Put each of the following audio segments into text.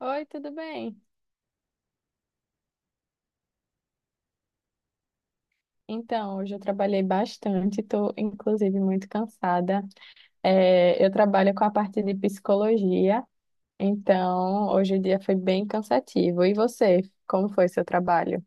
Oi, tudo bem? Então, hoje eu trabalhei bastante, estou inclusive muito cansada. É, eu trabalho com a parte de psicologia, então hoje o dia foi bem cansativo. E você, como foi seu trabalho?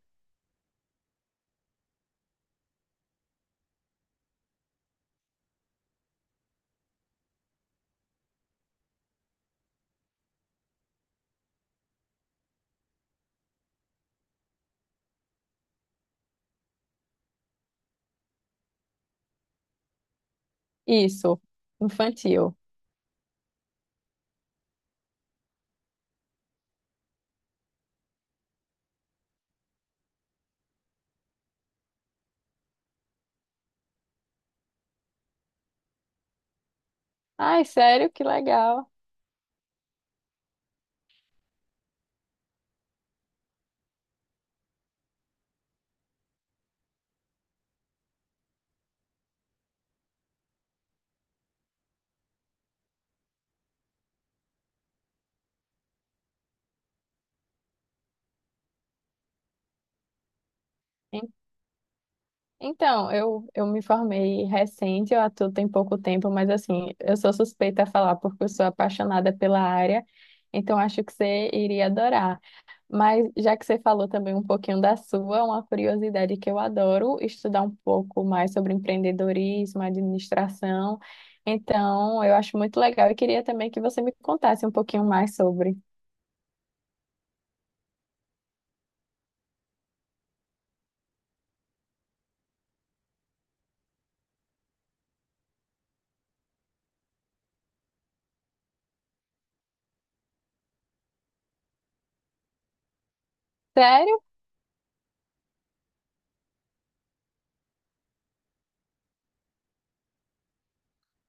Isso, infantil. Ai, sério? Que legal. En- Então, eu me formei recente, eu atuo tem pouco tempo, mas assim, eu sou suspeita a falar porque eu sou apaixonada pela área, então acho que você iria adorar. Mas já que você falou também um pouquinho da sua, uma curiosidade que eu adoro estudar um pouco mais sobre empreendedorismo, administração. Então, eu acho muito legal e queria também que você me contasse um pouquinho mais sobre. Sério?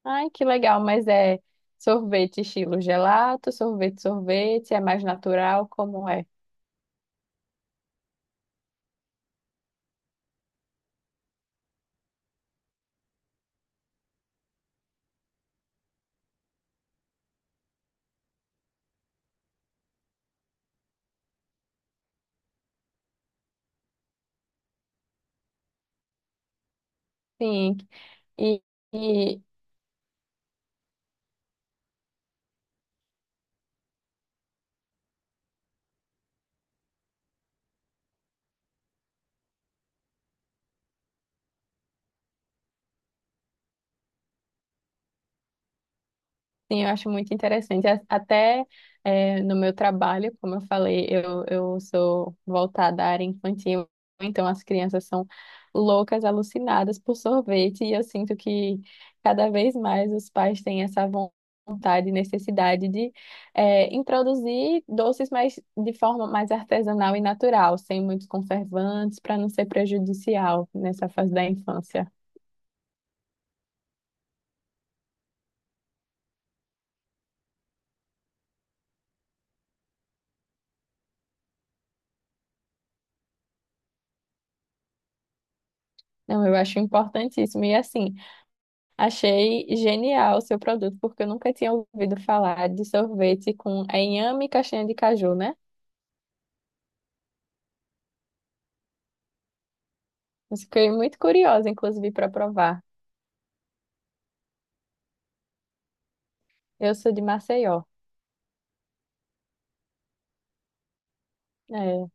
Ai, que legal, mas é sorvete estilo gelato, sorvete, é mais natural, como é? Sim. E, e sim, eu acho muito interessante. Até no meu trabalho, como eu falei, eu sou voltada à área infantil, então as crianças são loucas, alucinadas por sorvete, e eu sinto que cada vez mais os pais têm essa vontade e necessidade de introduzir doces, mais de forma mais artesanal e natural, sem muitos conservantes, para não ser prejudicial nessa fase da infância. Não, eu acho importantíssimo. E assim, achei genial o seu produto, porque eu nunca tinha ouvido falar de sorvete com inhame e castanha de caju, né? Mas fiquei muito curiosa, inclusive, para provar. Eu sou de Maceió. É,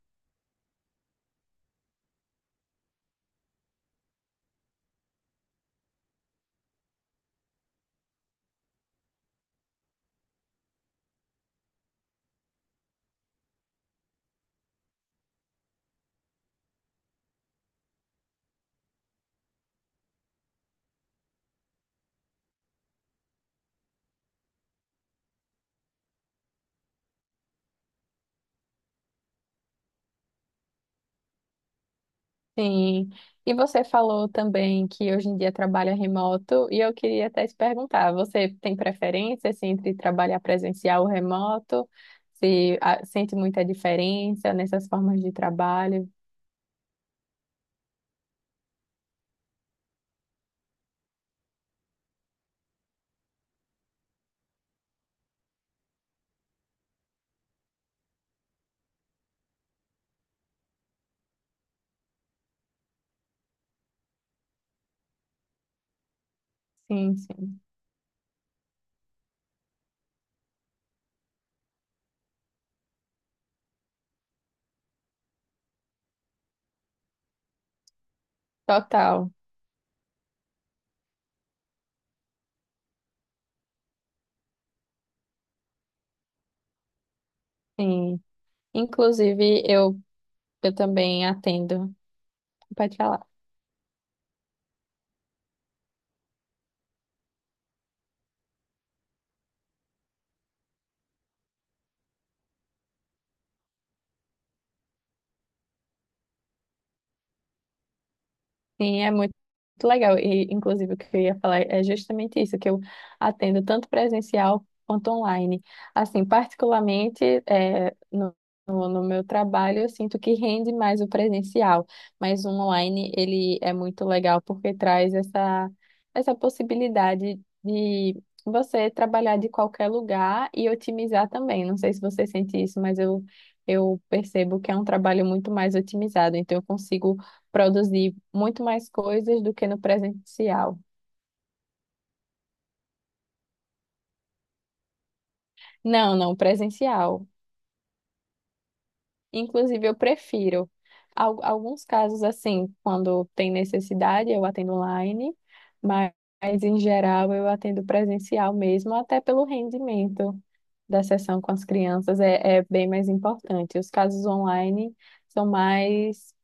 sim. E você falou também que hoje em dia trabalha remoto, e eu queria até te perguntar, você tem preferência, assim, entre trabalhar presencial ou remoto? Se ah, sente muita diferença nessas formas de trabalho? Sim, sim. Total. Sim. Inclusive, eu também atendo. Pode falar. Sim, é muito legal. E, inclusive, o que eu ia falar é justamente isso, que eu atendo tanto presencial quanto online. Assim, particularmente, no meu trabalho, eu sinto que rende mais o presencial, mas o online, ele é muito legal porque traz essa, essa possibilidade de você trabalhar de qualquer lugar e otimizar também. Não sei se você sente isso, mas eu percebo que é um trabalho muito mais otimizado. Então, eu consigo produzir muito mais coisas do que no presencial. Não, não, presencial. Inclusive, eu prefiro. Alguns casos, assim, quando tem necessidade, eu atendo online, mas, mas em geral eu atendo presencial mesmo, até pelo rendimento da sessão com as crianças é, é bem mais importante. Os casos online são mais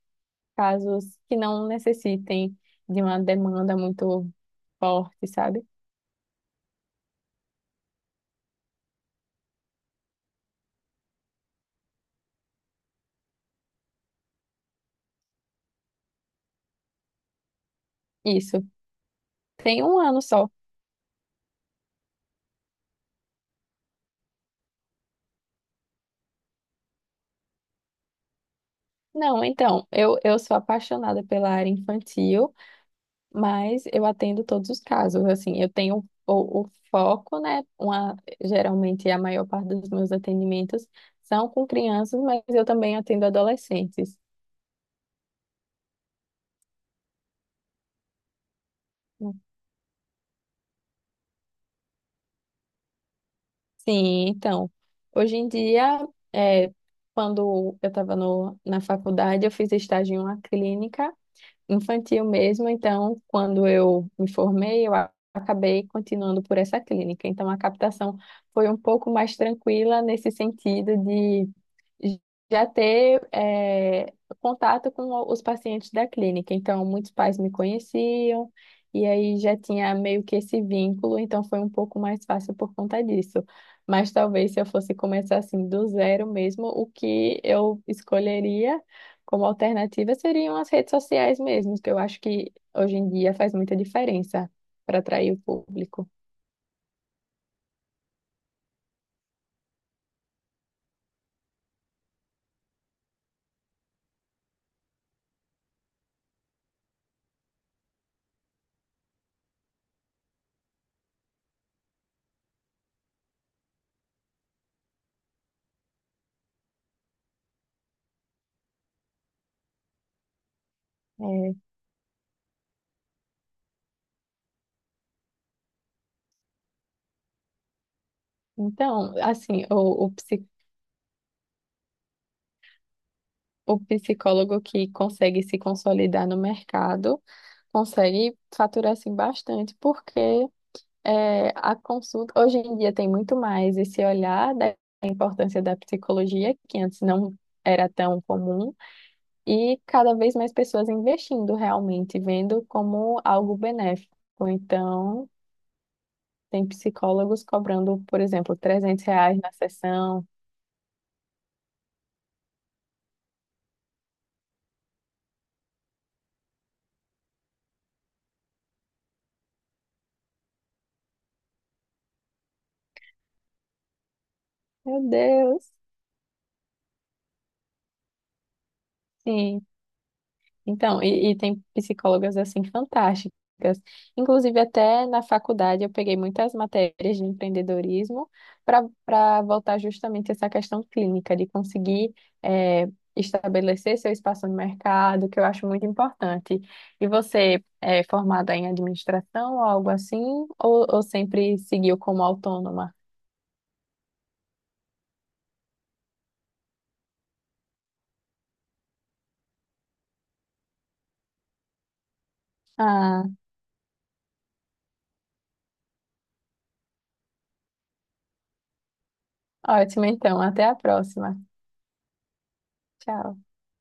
casos que não necessitem de uma demanda muito forte, sabe? Isso. Tem um ano só. Não, então, eu sou apaixonada pela área infantil, mas eu atendo todos os casos. Assim, eu tenho o foco, né? Uma, geralmente a maior parte dos meus atendimentos são com crianças, mas eu também atendo adolescentes. Sim, então, hoje em dia, quando eu estava na faculdade, eu fiz estágio em uma clínica infantil mesmo. Então, quando eu me formei, acabei continuando por essa clínica. Então, a captação foi um pouco mais tranquila nesse sentido de já ter contato com os pacientes da clínica. Então, muitos pais me conheciam. E aí já tinha meio que esse vínculo, então foi um pouco mais fácil por conta disso. Mas talvez se eu fosse começar assim do zero mesmo, o que eu escolheria como alternativa seriam as redes sociais mesmo, que eu acho que hoje em dia faz muita diferença para atrair o público. É, então, assim, o psicólogo que consegue se consolidar no mercado consegue faturar assim, bastante, porque é, a consulta hoje em dia tem muito mais esse olhar da importância da psicologia, que antes não era tão comum. E cada vez mais pessoas investindo realmente, vendo como algo benéfico. Então, tem psicólogos cobrando, por exemplo, R$ 300 na sessão. Meu Deus! Sim, então, e tem psicólogas assim fantásticas. Inclusive, até na faculdade eu peguei muitas matérias de empreendedorismo para voltar justamente essa questão clínica, de conseguir eh, estabelecer seu espaço no mercado, que eu acho muito importante. E você é formada em administração ou algo assim, ou sempre seguiu como autônoma? Ah, ótimo, então. Até a próxima. Tchau.